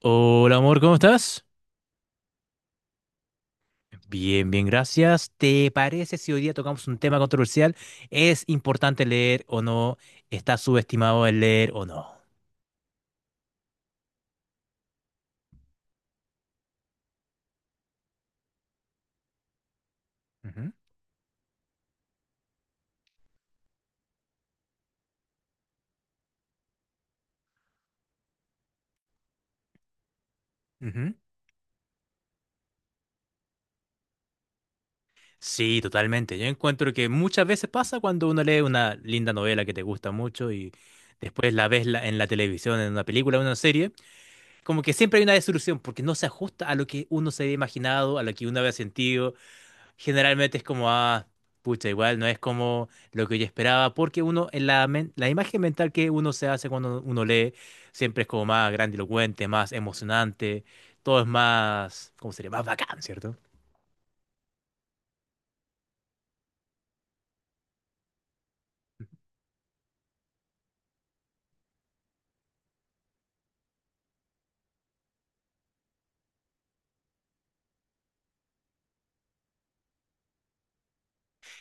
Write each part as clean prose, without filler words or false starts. Hola amor, ¿cómo estás? Bien, bien, gracias. ¿Te parece si hoy día tocamos un tema controversial? ¿Es importante leer o no? ¿Está subestimado el leer o no? Ujú, ujú. Sí, totalmente. Yo encuentro que muchas veces pasa cuando uno lee una linda novela que te gusta mucho y después la ves en la televisión, en una película, en una serie, como que siempre hay una desilusión porque no se ajusta a lo que uno se había imaginado, a lo que uno había sentido generalmente es como, ah, pucha, igual no es como lo que yo esperaba, porque uno, la imagen mental que uno se hace cuando uno lee, siempre es como más grandilocuente, más emocionante, todo es más, ¿cómo sería? Más bacán, ¿cierto?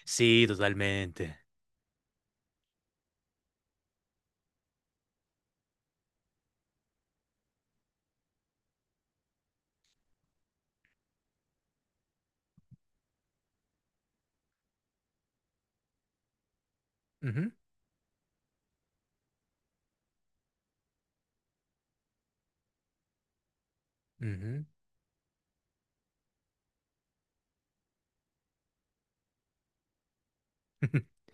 Sí, totalmente. Ujú, ujú.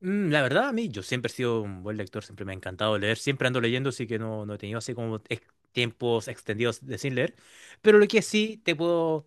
La verdad, a mí, yo siempre he sido un buen lector, siempre me ha encantado leer, siempre ando leyendo, así que no, no he tenido así como tiempos extendidos de sin leer, pero lo que sí te puedo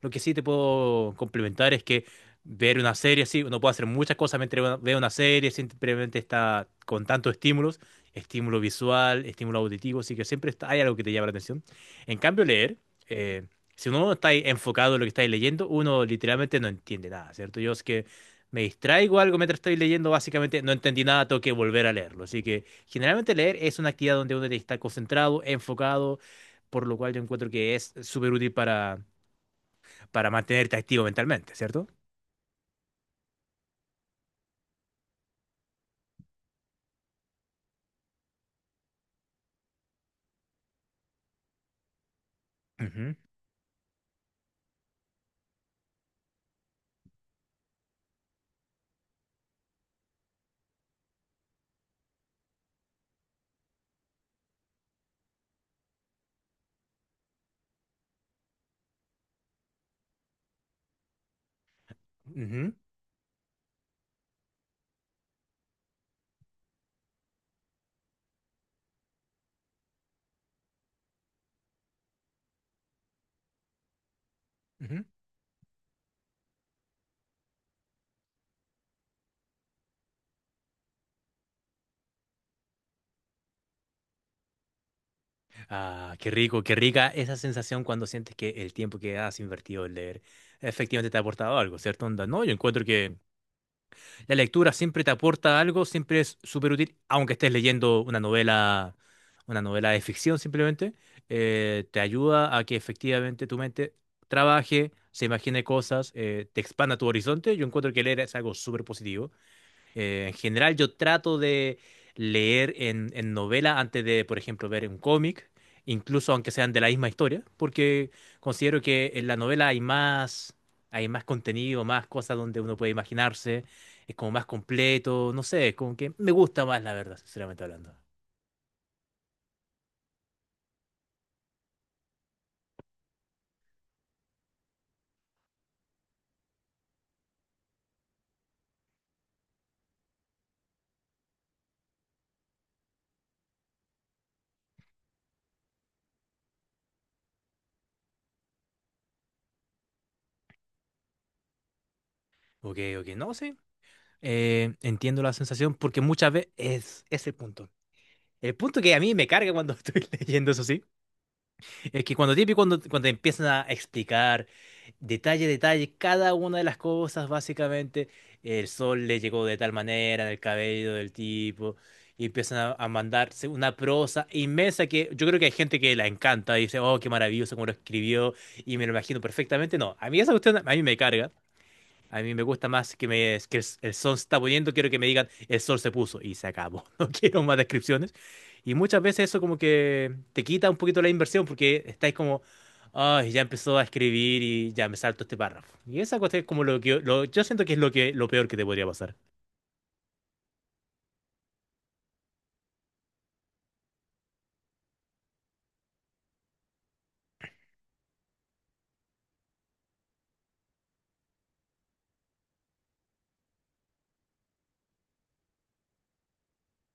lo que sí te puedo complementar es que ver una serie, sí, uno puede hacer muchas cosas mientras ve una serie, simplemente está con tantos estímulos, estímulo visual, estímulo auditivo, así que hay algo que te llama la atención. En cambio, leer, eh, si uno no está ahí enfocado en lo que está ahí leyendo, uno literalmente no entiende nada, ¿cierto? Yo es que me distraigo algo mientras estoy leyendo, básicamente no entendí nada, tengo que volver a leerlo. Así que generalmente leer es una actividad donde uno está concentrado, enfocado, por lo cual yo encuentro que es súper útil para mantenerte activo mentalmente, ¿cierto? Ujú, ujú, ujú. Ah, qué rico, qué rica esa sensación cuando sientes que el tiempo que has invertido en leer efectivamente te ha aportado algo, ¿cierto? Onda, no, yo encuentro que la lectura siempre te aporta algo, siempre es súper útil, aunque estés leyendo una novela de ficción simplemente, te ayuda a que efectivamente tu mente trabaje, se imagine cosas, te expanda tu horizonte. Yo encuentro que leer es algo súper positivo. En general, yo trato de leer en novela antes de, por ejemplo, ver un cómic, incluso aunque sean de la misma historia, porque considero que en la novela hay más contenido, más cosas donde uno puede imaginarse, es como más completo, no sé, es como que me gusta más, la verdad, sinceramente hablando. Ok, ok, no, sí. Entiendo la sensación porque muchas veces es el punto. El punto que a mí me carga cuando estoy leyendo, eso sí. Es que cuando típico, cuando te empiezan a explicar detalle a detalle cada una de las cosas, básicamente, el sol le llegó de tal manera, en el cabello del tipo, y empiezan a mandarse una prosa inmensa que yo creo que hay gente que la encanta y dice, oh, qué maravilloso cómo lo escribió, y me lo imagino perfectamente. No, a mí esa cuestión, a mí me carga. A mí me gusta más que el sol se está poniendo, quiero que me digan el sol se puso y se acabó. No quiero más descripciones. Y muchas veces eso como que te quita un poquito la inversión porque estáis como, ay, ya empezó a escribir y ya me salto este párrafo. Y esa cuestión es como lo que yo, lo- yo siento que es lo que lo peor que te podría pasar.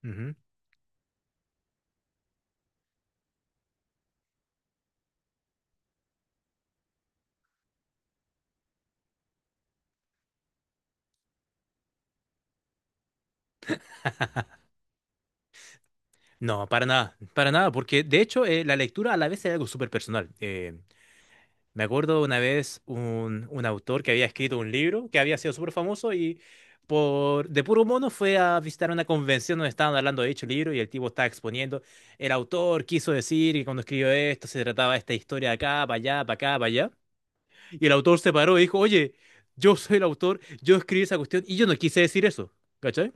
Ujú. No, para nada, porque de hecho la lectura a la vez es algo súper personal. Me acuerdo una vez un autor que había escrito un libro que había sido súper famoso y por de puro mono fue a visitar una convención donde estaban hablando de dicho libro y el tipo estaba exponiendo. El autor quiso decir que cuando escribió esto se trataba de esta historia de acá, para allá, para acá, para allá. Y el autor se paró y dijo, oye, yo soy el autor, yo escribí esa cuestión y yo no quise decir eso. ¿Cachai?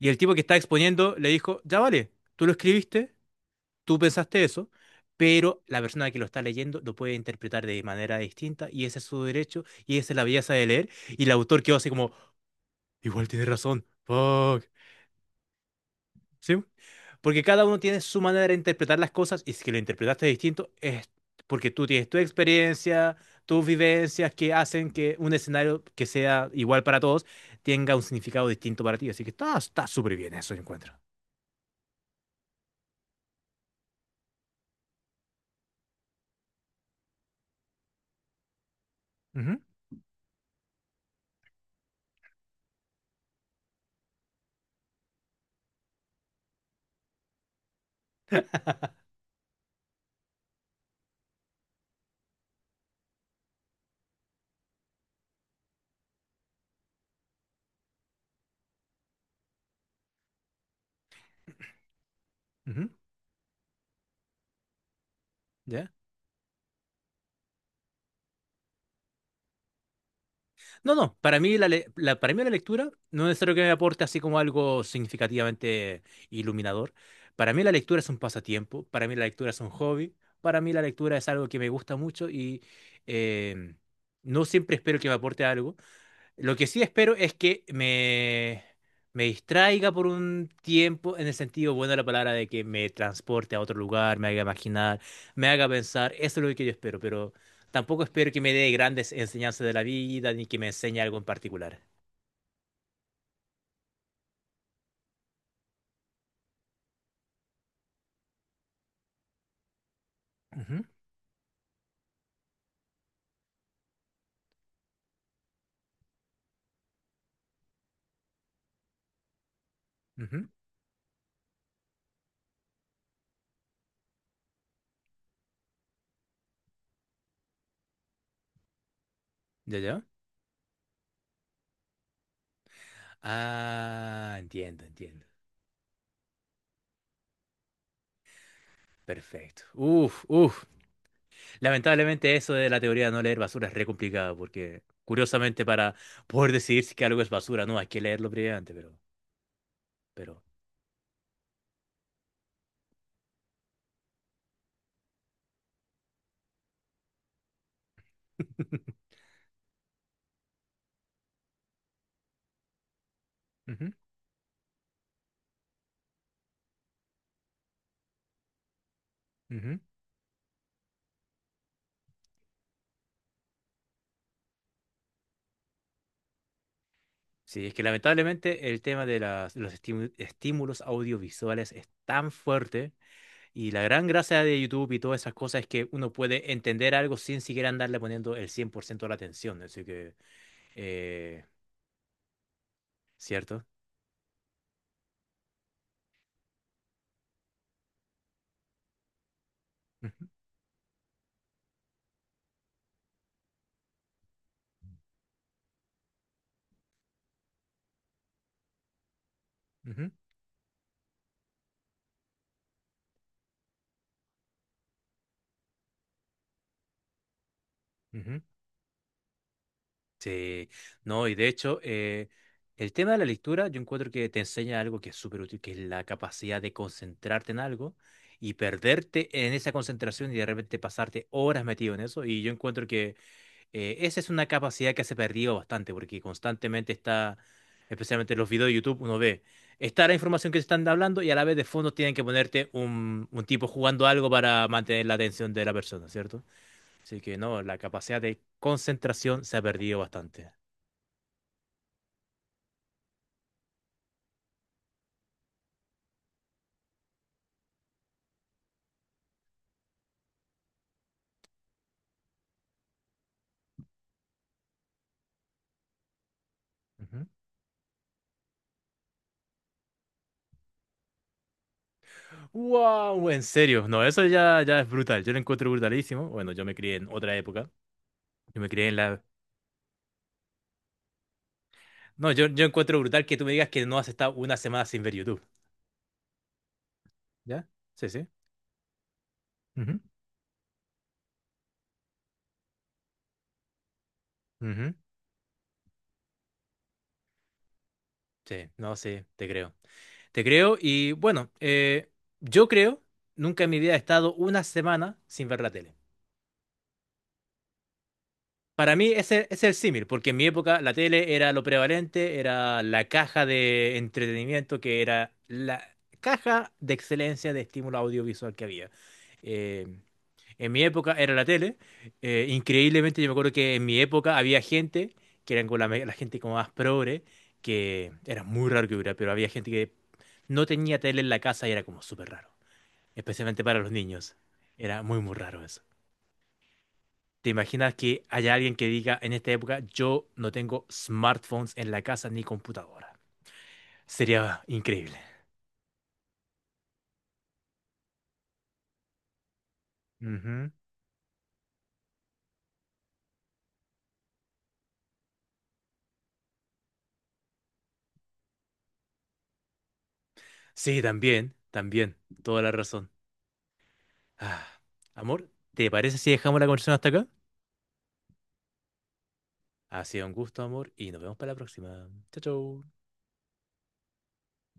Y el tipo que estaba exponiendo le dijo, ya vale, tú lo escribiste, tú pensaste eso, pero la persona que lo está leyendo lo puede interpretar de manera distinta y ese es su derecho y esa es la belleza de leer y el autor quedó así como, igual tiene razón, fuck, ¿sí? Porque cada uno tiene su manera de interpretar las cosas y si lo interpretaste distinto es porque tú tienes tu experiencia, tus vivencias que hacen que un escenario que sea igual para todos tenga un significado distinto para ti. Así que está súper bien eso, yo encuentro. Ujú, ujú, ¿ya? No, no, para mí la lectura no es necesario que me aporte así como algo significativamente iluminador. Para mí la lectura es un pasatiempo, para mí la lectura es un hobby, para mí la lectura es algo que me gusta mucho y eh, no siempre espero que me aporte algo, lo que sí espero es que me distraiga por un tiempo, en el sentido bueno de la palabra, de que me transporte a otro lugar, me haga imaginar, me haga pensar. Eso es lo que yo espero, pero tampoco espero que me dé grandes enseñanzas de la vida ni que me enseñe algo en particular. Ujú, ujú. ¿Ya, ya? Ah, entiendo, entiendo. Perfecto. Uf, uf. Lamentablemente eso de la teoría de no leer basura es re complicado porque, curiosamente, para poder decidir si que algo es basura, no, hay que leerlo previamente, pero. Ujú, ujú. Sí, es que lamentablemente el tema de estímulos audiovisuales es tan fuerte y la gran gracia de YouTube y todas esas cosas es que uno puede entender algo sin siquiera andarle poniendo el 100% de la atención. Así que, eh, ¿cierto? Ujú, ujú, ujú. Sí, no, y de hecho, el tema de la lectura, yo encuentro que te enseña algo que es súper útil, que es la capacidad de concentrarte en algo y perderte en esa concentración y de repente pasarte horas metido en eso. Y yo encuentro que esa es una capacidad que se ha perdido bastante, porque constantemente está, especialmente en los videos de YouTube, uno ve, está la información que te están hablando y a la vez de fondo tienen que ponerte un tipo jugando algo para mantener la atención de la persona, ¿cierto? Así que no, la capacidad de concentración se ha perdido bastante. Ujú. Wow, en serio, no, eso ya, ya es brutal, yo lo encuentro brutalísimo. Bueno, yo me crié en otra época, yo me crié en la... No, yo encuentro brutal que tú me digas que no has estado una semana sin ver YouTube, ¿ya? Sí, sí. Ujú, ujú. Sí, no, sí, te creo. Te creo y bueno, yo creo, nunca en mi vida he estado una semana sin ver la tele. Para mí ese es el símil, porque en mi época la tele era lo prevalente, era la caja de entretenimiento que era la caja de excelencia de estímulo audiovisual que había. Eh, en mi época era la tele. Increíblemente yo me acuerdo que en mi época había gente, que eran como la gente como más progre, que era muy raro que hubiera, pero había gente que no tenía tele en la casa y era como súper raro, especialmente para los niños. Era muy, muy raro eso. ¿Te imaginas que haya alguien que diga en esta época, yo no tengo smartphones en la casa ni computadora? Sería increíble. Ujú. Sí, también, también, toda la razón. Ah, amor, ¿te parece si dejamos la conversación hasta acá? Ha sido un gusto, amor, y nos vemos para la próxima. Chao, chao.